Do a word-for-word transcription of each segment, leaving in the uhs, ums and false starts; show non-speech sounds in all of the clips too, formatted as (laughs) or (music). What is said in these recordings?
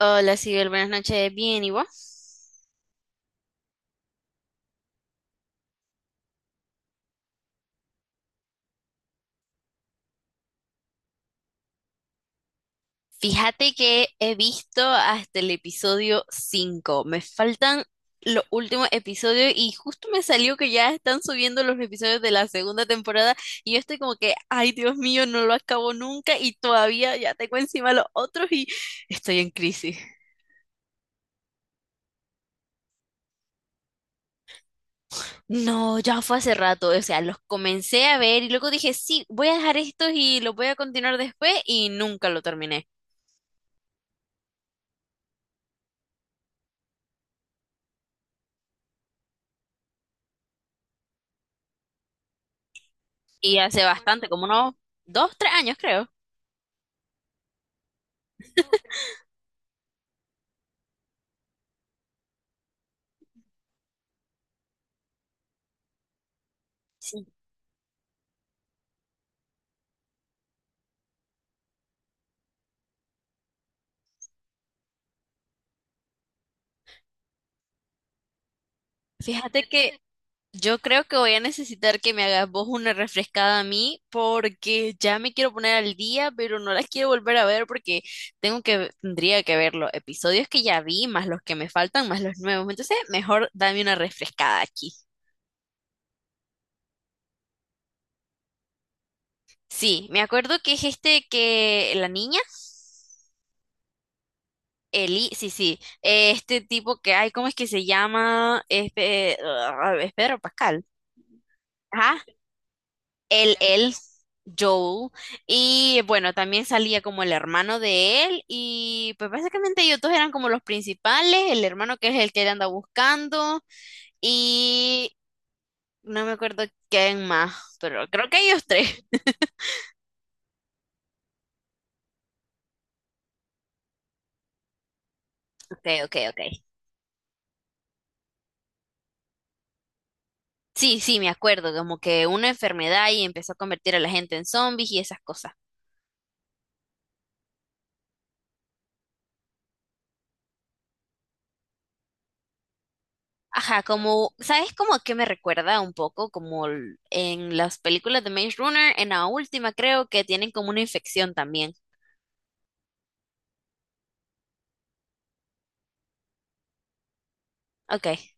Hola, Sibel, buenas noches. Bien, ¿y vos? Fíjate que he visto hasta el episodio cinco. Me faltan los últimos episodios y justo me salió que ya están subiendo los episodios de la segunda temporada y yo estoy como que, ay, Dios mío, no lo acabo nunca y todavía ya tengo encima los otros y estoy en crisis. No, ya fue hace rato, o sea, los comencé a ver y luego dije, sí, voy a dejar estos y los voy a continuar después y nunca lo terminé. Y hace bastante, como unos dos, tres años creo. Sí. Fíjate que yo creo que voy a necesitar que me hagas vos una refrescada a mí porque ya me quiero poner al día, pero no las quiero volver a ver porque tengo que, tendría que ver los episodios que ya vi, más los que me faltan, más los nuevos. Entonces, mejor dame una refrescada aquí. Sí, me acuerdo que es este que la niña, Eli, sí, sí, eh, este tipo que hay, ¿cómo es que se llama? Este, ah, es Pedro Pascal. Ajá, él, él, Joel. Y bueno, también salía como el hermano de él. Y pues básicamente ellos dos eran como los principales. El hermano que es el que él anda buscando. Y no me acuerdo quién más, pero creo que ellos tres. (laughs) Ok, ok, ok. Sí, sí, me acuerdo, como que una enfermedad y empezó a convertir a la gente en zombies y esas cosas. Ajá, como, ¿sabes cómo que me recuerda un poco? Como l- en las películas de Maze Runner, en la última creo que tienen como una infección también. Ok.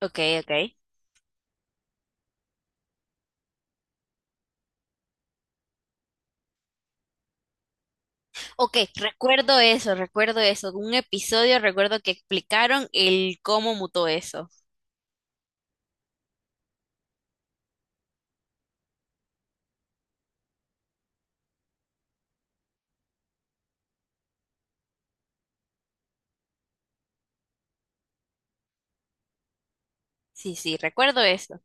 Ok, ok. Ok, recuerdo eso, recuerdo eso. Un episodio, recuerdo que explicaron el cómo mutó eso. Sí, sí, recuerdo eso.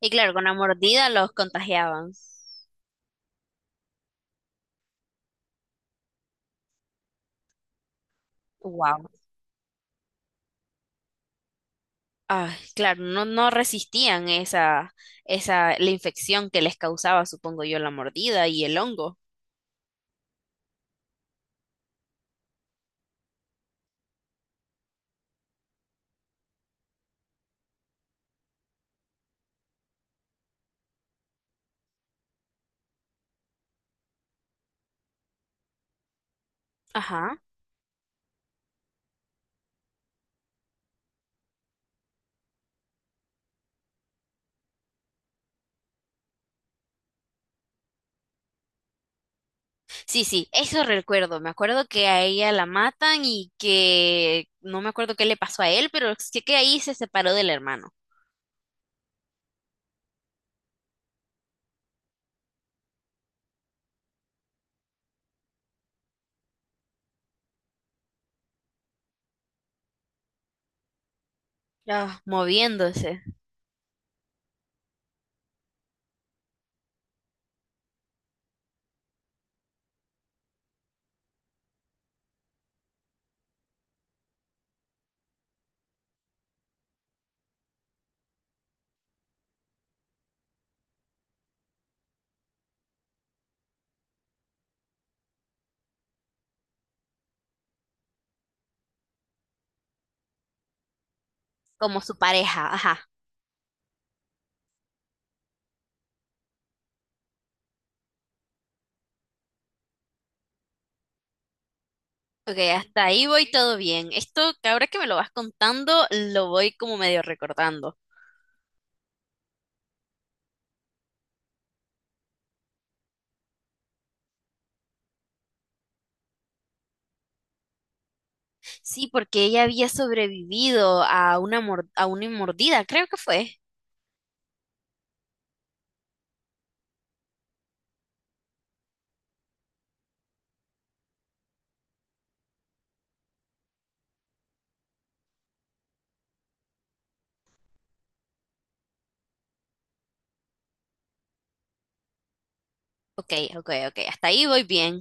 Y claro, con la mordida los contagiaban. Wow. Ay, claro, no, no resistían esa, esa, la infección que les causaba, supongo yo, la mordida y el hongo. Ajá. Sí, sí, eso recuerdo. Me acuerdo que a ella la matan y que no me acuerdo qué le pasó a él, pero sé que ahí se separó del hermano. Ah, moviéndose. Como su pareja, ajá. Ok, hasta ahí voy todo bien. Esto que ahora que me lo vas contando, lo voy como medio recordando. Sí, porque ella había sobrevivido a una, mor- a una mordida, creo que fue. Ok, ok, ok, hasta ahí voy bien.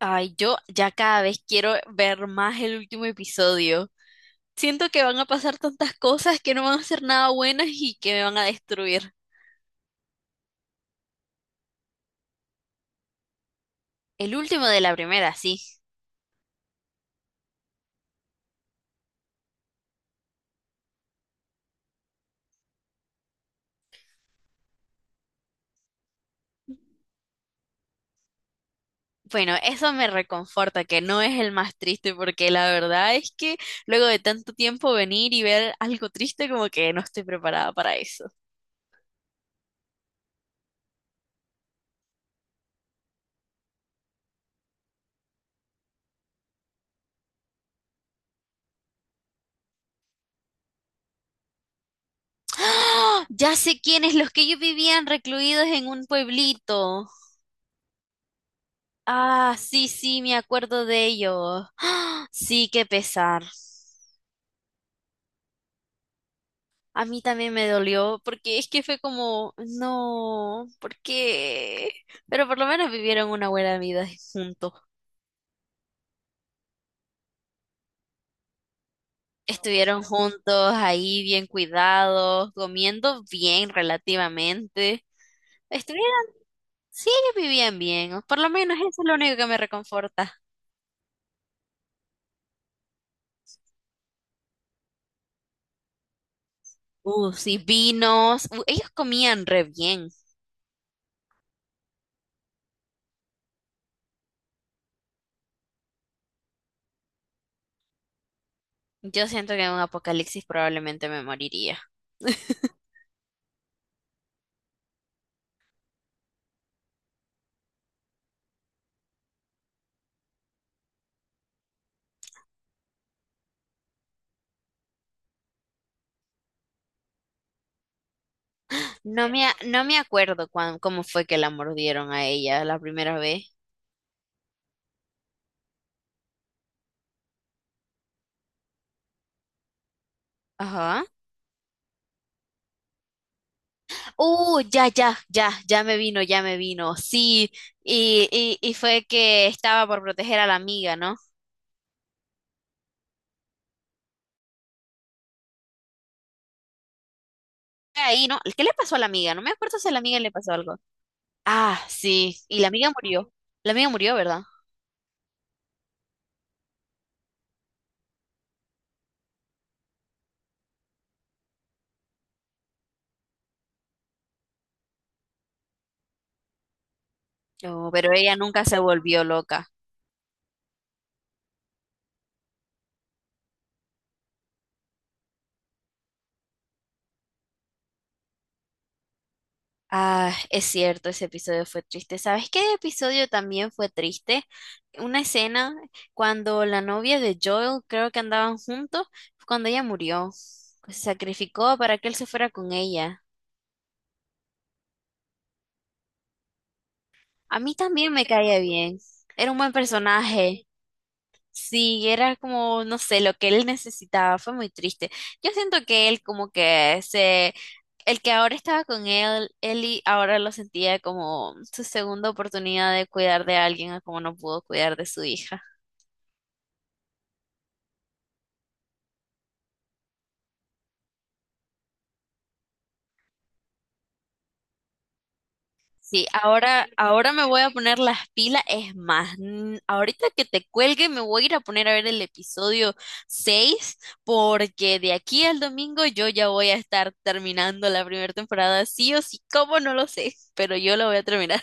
Ay, yo ya cada vez quiero ver más el último episodio. Siento que van a pasar tantas cosas que no van a ser nada buenas y que me van a destruir. El último de la primera, sí. Bueno, eso me reconforta, que no es el más triste, porque la verdad es que luego de tanto tiempo venir y ver algo triste, como que no estoy preparada para eso. ¡Ah! Ya sé quiénes, los que ellos vivían recluidos en un pueblito. Ah, sí, sí, me acuerdo de ellos. ¡Ah! Sí, qué pesar. A mí también me dolió, porque es que fue como, no, ¿por qué? Pero por lo menos vivieron una buena vida juntos. Estuvieron juntos ahí bien cuidados, comiendo bien relativamente. Estuvieron, sí, vivían bien. Por lo menos eso es lo único que me reconforta. Uh, sí, vinos. Uh, ellos comían re bien. Yo siento que en un apocalipsis probablemente me moriría. No me, a- no me acuerdo cuán- cómo fue que la mordieron a ella la primera vez. Ajá. Uh, ya, ya, ya, ya me vino, ya me vino. Sí, y, y, y fue que estaba por proteger a la amiga, ¿no? ahí, ¿no? ¿Qué le pasó a la amiga? No me acuerdo si a la amiga le pasó algo. Ah, sí, y la amiga murió. La amiga murió, ¿verdad? No, pero ella nunca se volvió loca. Ah, es cierto, ese episodio fue triste. ¿Sabes qué episodio también fue triste? Una escena cuando la novia de Joel, creo que andaban juntos, fue cuando ella murió. Se sacrificó para que él se fuera con ella. A mí también me caía bien. Era un buen personaje. Sí, era como, no sé, lo que él necesitaba, fue muy triste. Yo siento que él como que se, el que ahora estaba con él, Eli ahora lo sentía como su segunda oportunidad de cuidar de alguien, a como no pudo cuidar de su hija. Sí, ahora, ahora me voy a poner las pilas, es más, mm, ahorita que te cuelgue me voy a ir a poner a ver el episodio seis porque de aquí al domingo yo ya voy a estar terminando la primera temporada, sí o sí, cómo no lo sé, pero yo lo voy a terminar.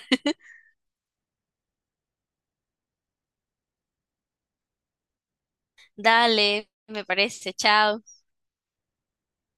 Dale, me parece, chao.